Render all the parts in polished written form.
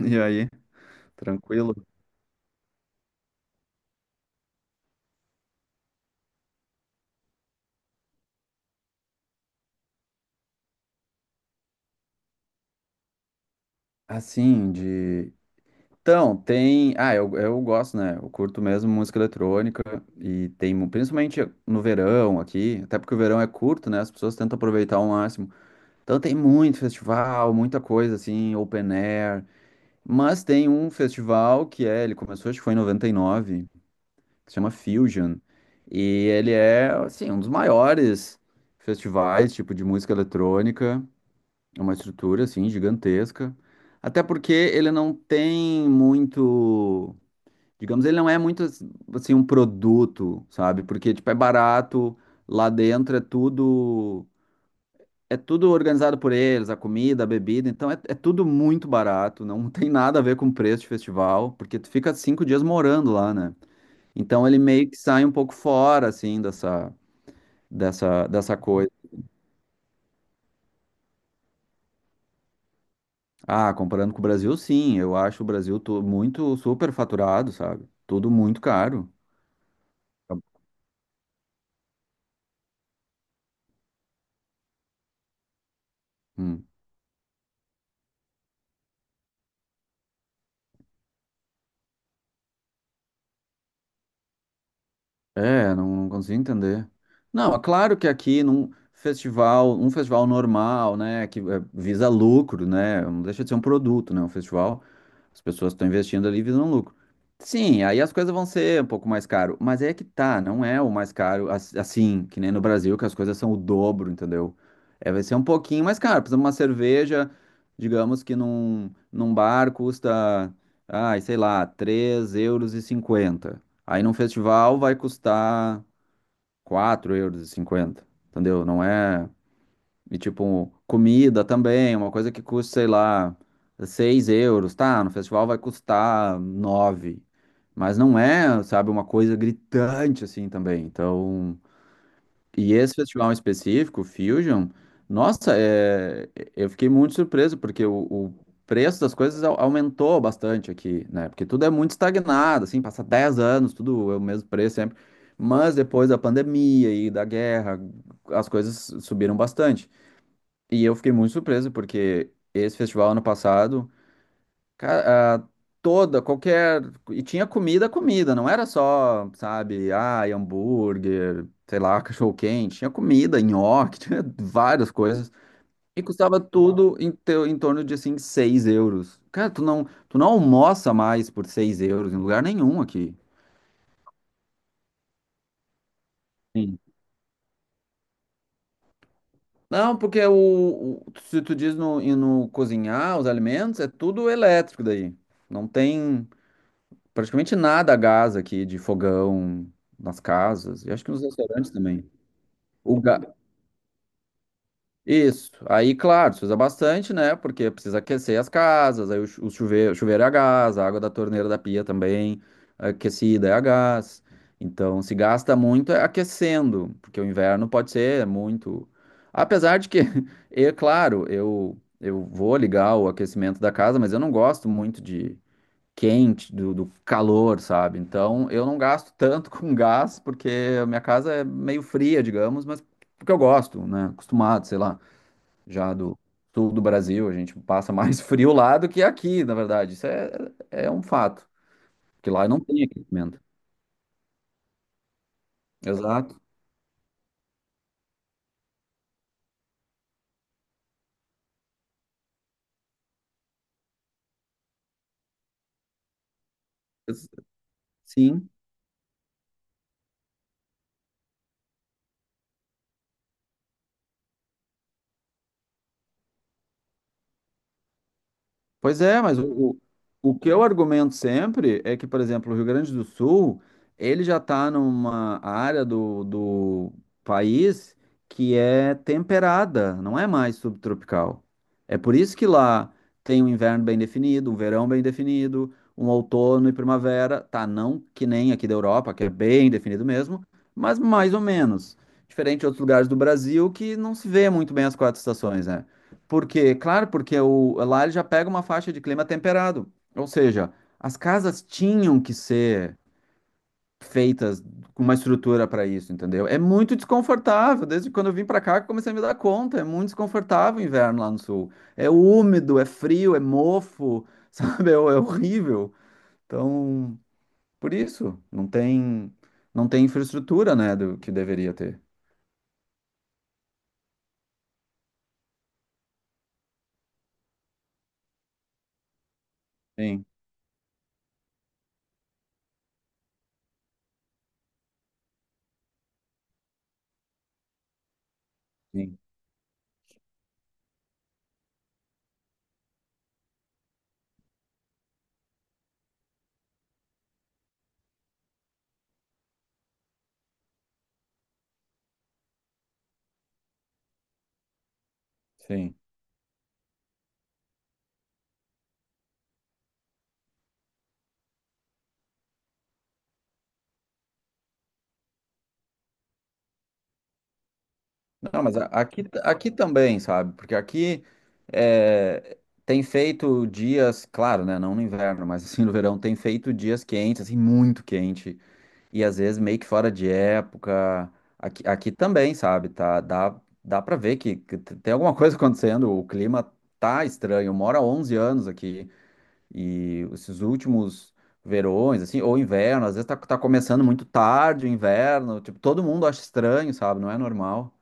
E aí, tranquilo? Assim, de. Então, tem. Ah, eu gosto, né? Eu curto mesmo música eletrônica e tem, principalmente no verão aqui, até porque o verão é curto, né? As pessoas tentam aproveitar ao máximo. Então, tem muito festival, muita coisa assim, open air. Mas tem um festival que é, ele começou, acho que foi em 99, que se chama Fusion. E ele é, assim, um dos maiores festivais, tipo, de música eletrônica. É uma estrutura, assim, gigantesca. Até porque ele não tem muito. Digamos, ele não é muito, assim, um produto, sabe? Porque, tipo, é barato, lá dentro é tudo. É tudo organizado por eles, a comida, a bebida. Então, é tudo muito barato. Não tem nada a ver com preço de festival, porque tu fica 5 dias morando lá, né? Então, ele meio que sai um pouco fora, assim, dessa coisa. Ah, comparando com o Brasil, sim. Eu acho o Brasil muito superfaturado, sabe? Tudo muito caro. Hum. É, não, não consigo entender. Não, é claro que aqui num festival, um festival normal, né, que visa lucro, né, não deixa de ser um produto, né, um festival. As pessoas estão investindo ali visando lucro. Sim, aí as coisas vão ser um pouco mais caro, mas é que tá, não é o mais caro assim, que nem no Brasil, que as coisas são o dobro, entendeu? É, vai ser um pouquinho mais caro. Por exemplo, uma cerveja, digamos que num bar custa, ai, sei lá, €3,50 Aí num festival vai custar €4,50 entendeu? Não é. E tipo, comida também, uma coisa que custa, sei lá, €6, tá? No festival vai custar nove. Mas não é, sabe, uma coisa gritante assim também. Então, e esse festival em específico, o Fusion, nossa, eu fiquei muito surpreso, porque o preço das coisas aumentou bastante aqui, né? Porque tudo é muito estagnado, assim, passa 10 anos, tudo é o mesmo preço sempre. Mas depois da pandemia e da guerra, as coisas subiram bastante. E eu fiquei muito surpreso, porque esse festival ano passado, cara, toda, qualquer. E tinha comida, comida, não era só, sabe, hambúrguer, sei lá, cachorro-quente. Tinha comida, nhoque, tinha várias coisas. E custava tudo em torno de, assim, €6. Cara, tu não almoça mais por €6 em lugar nenhum aqui. Sim. Não, porque se tu diz no, e no cozinhar os alimentos, é tudo elétrico daí. Não tem. Praticamente nada a gás aqui de fogão nas casas, e acho que nos restaurantes também. O ga... Isso. Aí, claro, se usa bastante, né? Porque precisa aquecer as casas, aí o chuveiro é a gás, a água da torneira da pia também aquecida é a gás. Então, se gasta muito é aquecendo, porque o inverno pode ser muito. Apesar de que, é claro, eu vou ligar o aquecimento da casa, mas eu não gosto muito de quente, do calor, sabe? Então eu não gasto tanto com gás, porque a minha casa é meio fria, digamos, mas porque eu gosto, né? Acostumado, sei lá, já do sul do Brasil, a gente passa mais frio lá do que aqui, na verdade. Isso é um fato, que lá não tem aquecimento. Exato. Ex- Sim. Pois é, mas o o que eu argumento sempre é que, por exemplo, o Rio Grande do Sul, ele já está numa área do país que é temperada, não é mais subtropical. É por isso que lá tem um inverno bem definido, um verão bem definido, um outono e primavera, tá? Não que nem aqui da Europa, que é bem definido mesmo, mas mais ou menos. Diferente de outros lugares do Brasil que não se vê muito bem as quatro estações, né? Por quê? Claro, porque lá ele já pega uma faixa de clima temperado. Ou seja, as casas tinham que ser feitas com uma estrutura para isso, entendeu? É muito desconfortável. Desde quando eu vim para cá, que eu comecei a me dar conta. É muito desconfortável o inverno lá no sul. É úmido, é frio, é mofo, sabe? É horrível. Então, por isso, não tem infraestrutura, né, do que deveria ter. Sim, sim, sim. Não, mas aqui também, sabe? Porque aqui é, tem feito dias, claro, né? Não no inverno, mas assim no verão, tem feito dias quentes, assim, muito quente. E às vezes meio que fora de época. Aqui também, sabe? Tá, dá pra ver tem alguma coisa acontecendo. O clima tá estranho. Eu moro há 11 anos aqui. E esses últimos verões, assim, ou inverno, às vezes tá começando muito tarde o inverno. Tipo, todo mundo acha estranho, sabe? Não é normal.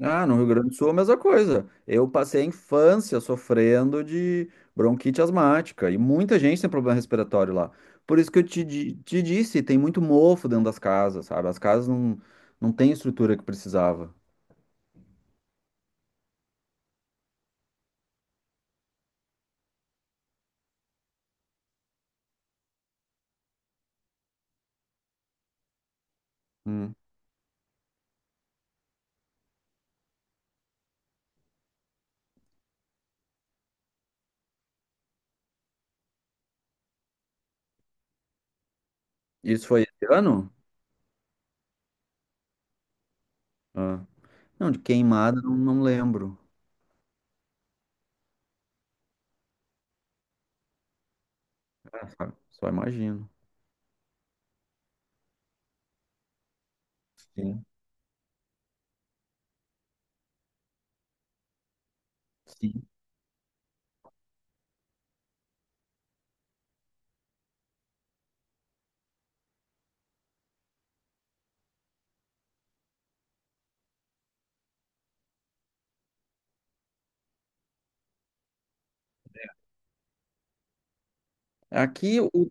Ah, no Rio Grande do Sul é a mesma coisa. Eu passei a infância sofrendo de bronquite asmática e muita gente tem problema respiratório lá. Por isso que eu te disse, tem muito mofo dentro das casas, sabe? As casas não têm estrutura que precisava. Hum. Isso foi esse ano? Ah. Não, de queimada não, não lembro. É, sabe? Só imagino. Sim, sim. Aqui, o,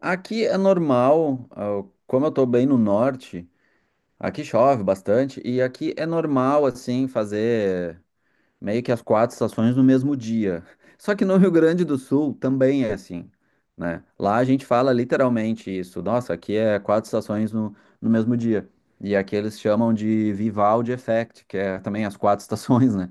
aqui é normal, como eu tô bem no norte. Aqui chove bastante e aqui é normal, assim, fazer meio que as quatro estações no mesmo dia. Só que no Rio Grande do Sul também é assim, né? Lá a gente fala literalmente isso. Nossa, aqui é quatro estações no mesmo dia. E aqui eles chamam de Vivaldi Effect, que é também as quatro estações, né?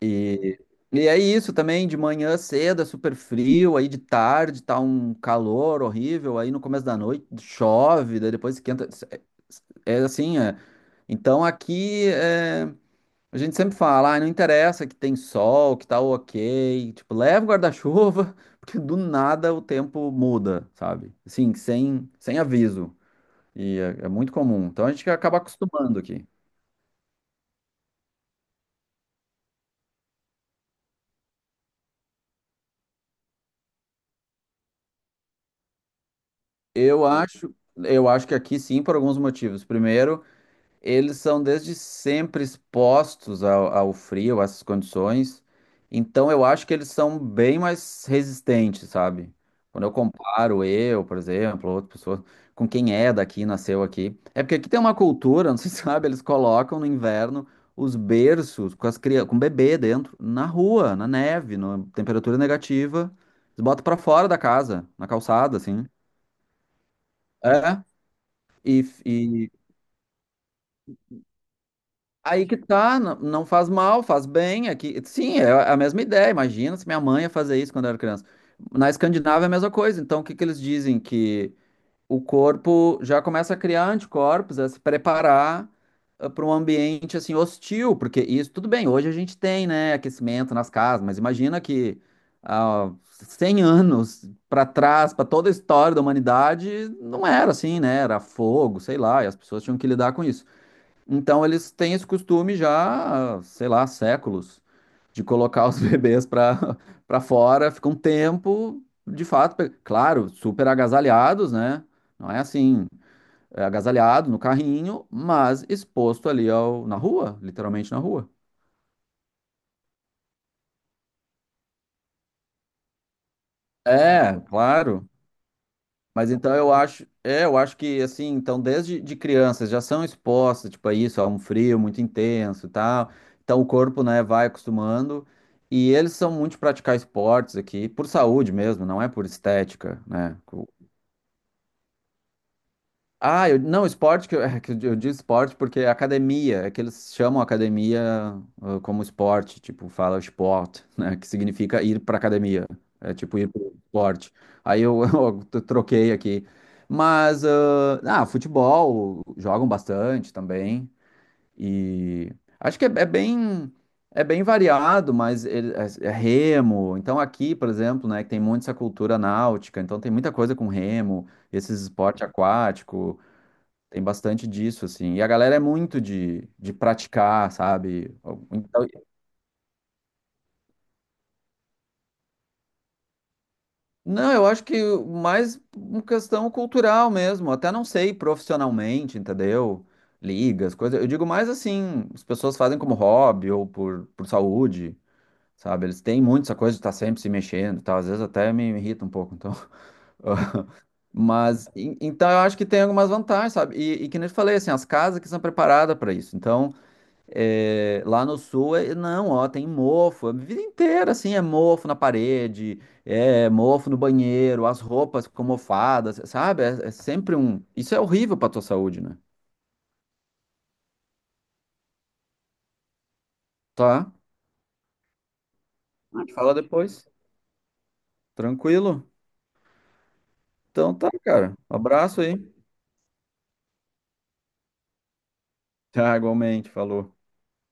E, e é isso também, de manhã cedo é super frio, aí de tarde tá um calor horrível, aí no começo da noite chove, daí depois esquenta. É assim, é. Então aqui a gente sempre fala, não interessa que tem sol, que tá ok, tipo, leva o guarda-chuva, porque do nada o tempo muda, sabe? Assim, sem aviso. E é muito comum. Então a gente acaba acostumando aqui. Eu acho, eu acho que aqui sim, por alguns motivos. Primeiro, eles são desde sempre expostos ao frio, a essas condições. Então eu acho que eles são bem mais resistentes, sabe? Quando eu comparo eu, por exemplo, outra pessoa com quem é daqui, nasceu aqui. É porque aqui tem uma cultura, não sei se sabe, eles colocam no inverno os berços com as crianças, com o bebê dentro, na rua, na neve, na temperatura negativa. Eles botam pra fora da casa, na calçada, assim. É. E, aí que tá, não, não faz mal, faz bem. Aqui, sim, é a mesma ideia. Imagina se minha mãe ia fazer isso quando eu era criança. Na Escandinávia é a mesma coisa. Então, o que que eles dizem? Que o corpo já começa a criar anticorpos, a se preparar para um ambiente assim hostil, porque isso tudo bem. Hoje a gente tem, né, aquecimento nas casas, mas imagina que há 100 anos para trás, para toda a história da humanidade, não era assim, né? Era fogo, sei lá, e as pessoas tinham que lidar com isso. Então eles têm esse costume já, sei lá, há séculos, de colocar os bebês para fora, fica um tempo, de fato, claro, super agasalhados, né? Não é assim, é agasalhado no carrinho, mas exposto ali na rua, literalmente na rua. É, claro. Mas então eu acho que assim, então desde de crianças já são expostas, tipo, a isso, a um frio muito intenso e tal. Então o corpo, né, vai acostumando. E eles são muito de praticar esportes aqui, por saúde mesmo, não é por estética, né? Ah, eu, não, esporte, que eu, é que eu digo esporte porque é academia, é que eles chamam academia como esporte, tipo, fala esporte, né, que significa ir para academia, é tipo ir para esporte. Aí eu, eu troquei aqui. Mas, futebol, jogam bastante também, e acho que é bem variado, mas é remo, então aqui, por exemplo, né, que tem muito essa cultura náutica, então tem muita coisa com remo, esses esporte aquático. Tem bastante disso, assim. E a galera é muito de praticar, sabe? Então, não, eu acho que mais uma questão cultural mesmo. Até não sei profissionalmente, entendeu? Ligas, coisas. Eu digo mais assim, as pessoas fazem como hobby ou por saúde, sabe? Eles têm muito essa coisa de estar sempre se mexendo e tal. Às vezes até me irrita um pouco, então. Mas, então eu acho que tem algumas vantagens, sabe? E que nem eu te falei, assim, as casas que são preparadas para isso. Então. É, lá no sul, não, ó, tem mofo, é a vida inteira, assim, é mofo na parede, é mofo no banheiro, as roupas ficam mofadas, sabe? É sempre um. Isso é horrível pra tua saúde, né? Tá? A gente fala depois. Tranquilo? Então tá, cara. Um abraço aí. Tá, igualmente, falou.